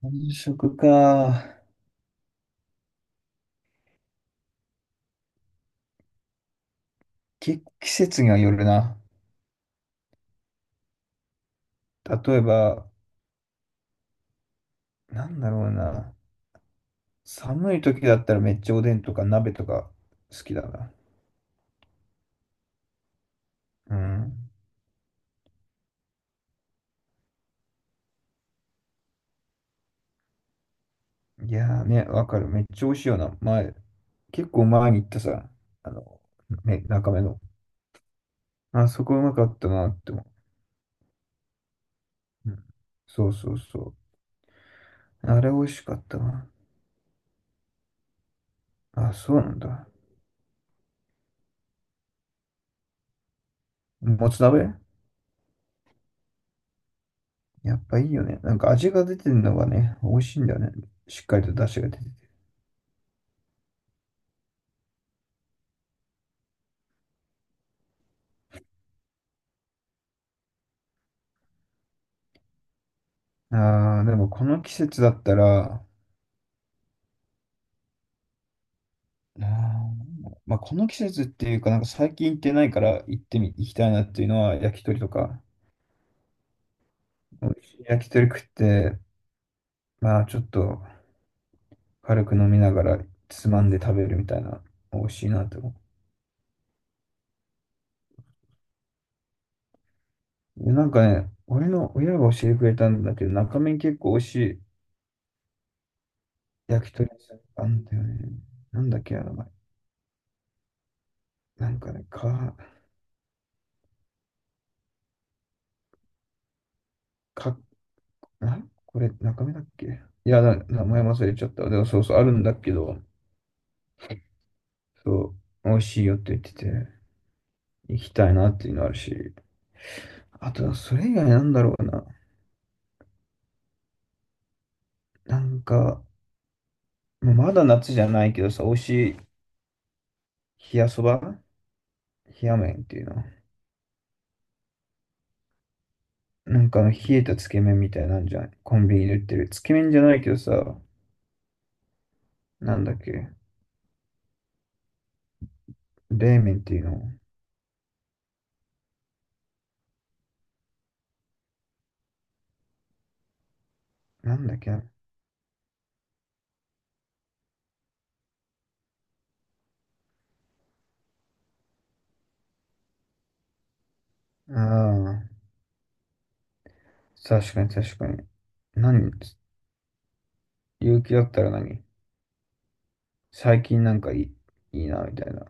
本食か。季節にはよるな。例えば、なんだろうな。寒い時だったらめっちゃおでんとか鍋とか好きだな。うん。いやーね、わかる。めっちゃ美味しいよな。前、結構前に行ったさ、あの、ね、中目の。あそこうまかったなって思う。うん。そうそうそう。あれ美味しかったな。あ、そうなんだ。もつ鍋やっぱいいよね。なんか味が出てるのがね、美味しいんだよね。しっかりと出汁が出てて。ああ、でもこの季節だったら、あーまあ、この季節っていうか、なんか最近行ってないから行きたいなっていうのは焼き鳥とか、美味しい焼き鳥食って、まあちょっと軽く飲みながらつまんで食べるみたいな、美味しいなって思う。でなんかね、俺の親が教えてくれたんだけど、中身結構美味しい焼き鳥屋さんあんだよね。なんだっけ、あの前。なんかね、か、なこれ中身だっけ。いや、名前忘れちゃった。でもそうそう、あるんだけど、そう、美味しいよって言ってて、行きたいなっていうのあるし、あと、それ以外なんだろうな。なんか、もうまだ夏じゃないけどさ、美味しい冷やそば冷や麺っていうの。なんかあの冷えたつけ麺みたいなんじゃん。コンビニで売ってる。つけ麺じゃないけどさ、なんだっけ、冷麺っていうの。なんだっけああー、確かに確かに。何勇気だったら何最近なんかいいな、みたいな。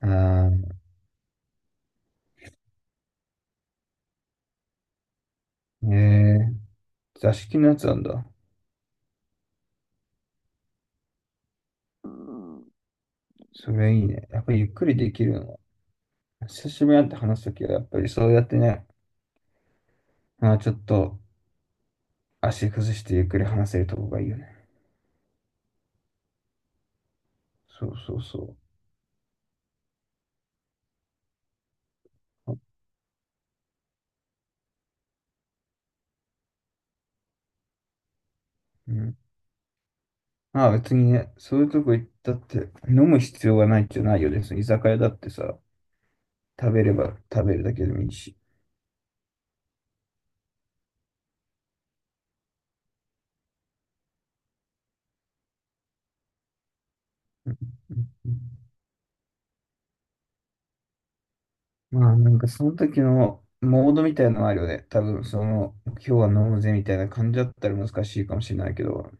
ああ、ええ、座敷のやつなんだ。うん。それいいね。やっぱりゆっくりできるのは。久しぶりに会って話すときは、やっぱりそうやってね、まあ、ちょっと足崩してゆっくり話せるとこがいいよね。そうそうそう。うん。まあ別にね、そういうとこ行ったって、飲む必要がないってないよね。その居酒屋だってさ、食べれば食べるだけでもいいし。うんうんうん。まあなんかその時のモードみたいなのあるよね。多分その、今日は飲むぜみたいな感じだったら難しいかもしれないけど、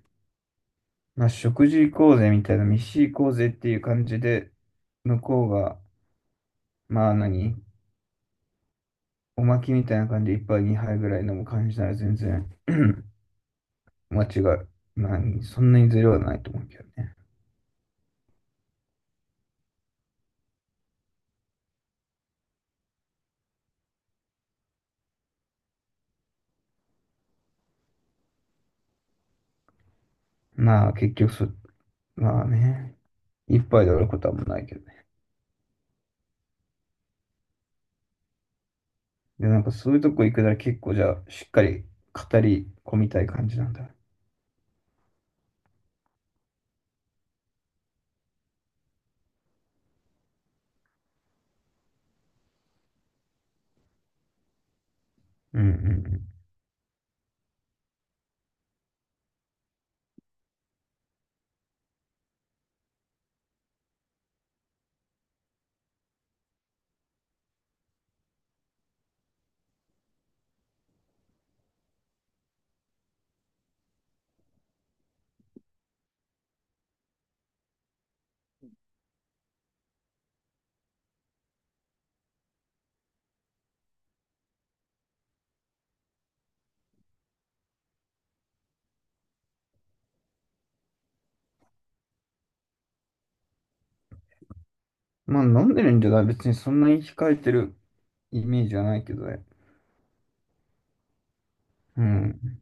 まあ、食事行こうぜみたいな、飯行こうぜっていう感じで、向こうが、まあ何、おまきみたいな感じで一杯二杯ぐらい飲む感じなら全然 間違い、まあ、そんなにずれはないと思うけどね。まあ結局そ、まあね、一杯で終わることはもうないけどね。で、なんかそういうとこ行くなら結構じゃあ、しっかり語り込みたい感じなんだ。うんうんうん。まあ飲んでるんじゃない別にそんなに控えてるイメージはないけどね。うん。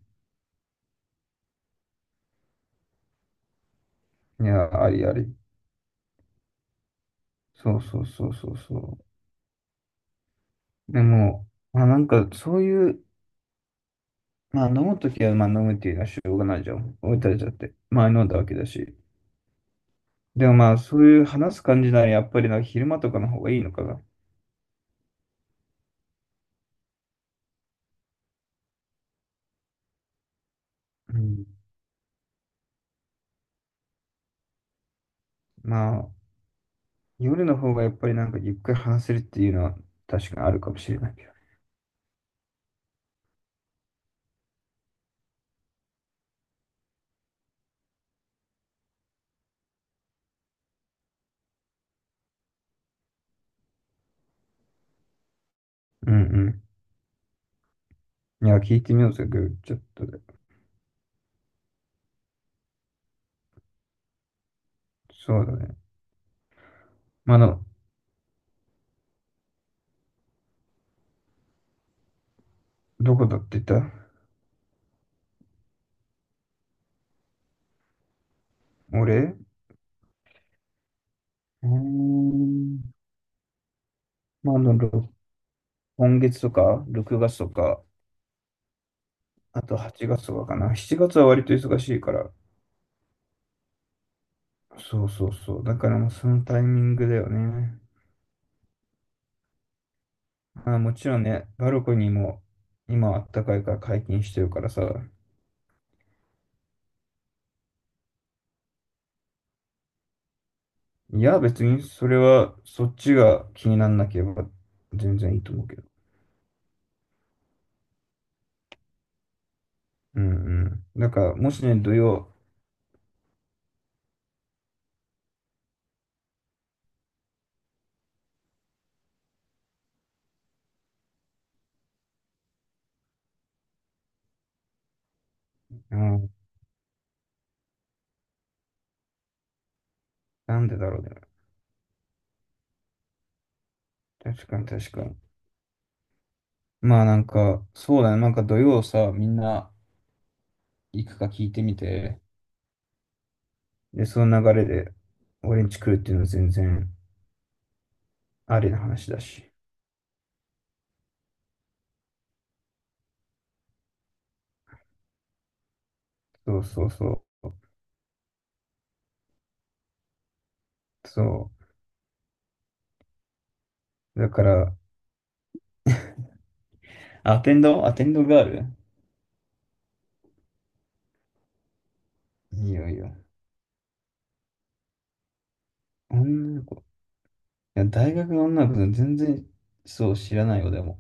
いや、ありあり。そうそうそうそうそう。でも、まあなんかそういう、まあ飲むときはまあ飲むっていうのはしょうがないじゃん。置いてあるゃって。まあ飲んだわけだし。でもまあそういう話す感じならやっぱりなんか昼間とかの方がいいのかな。うん。まあ夜の方がやっぱりなんかゆっくり話せるっていうのは確かにあるかもしれないけど。うんうん。いや、聞いてみようぜ、グーチャットで。そうだね。まああの、どこだって言った。俺うーん。まああの、今月とか、6月とか、あと8月はちがつとかかな。7月は割と忙しいから。そうそうそう。だからもうそのタイミングだよね。まあもちろんね、バルコニーも今あったかいから解禁してるからさ。いや、別にそれはそっちが気にならなければ全然いいと思うけど。うんうん。だからもしね、土曜、うん、なんでだろうね。確かに確かに。まあなんか、そうだね。なんか土曜さ、みんな行くか聞いてみて。で、その流れで俺んち来るっていうのは全然。ありな話だし。そうそうそう。そう。だから、アテンド、アテンドガール、いいよいいよ。女の子。いや、大学の女の子全然そう知らないよ、でも。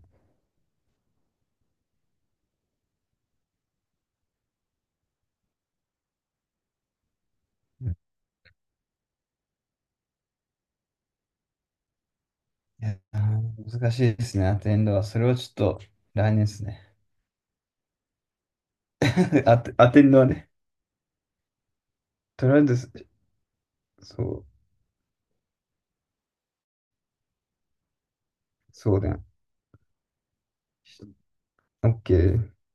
うん。いや、難しいですね、アテンドは。それはちょっと来年ですね。アテンドはね。とりあえず、そう、そうだよ。オッケー。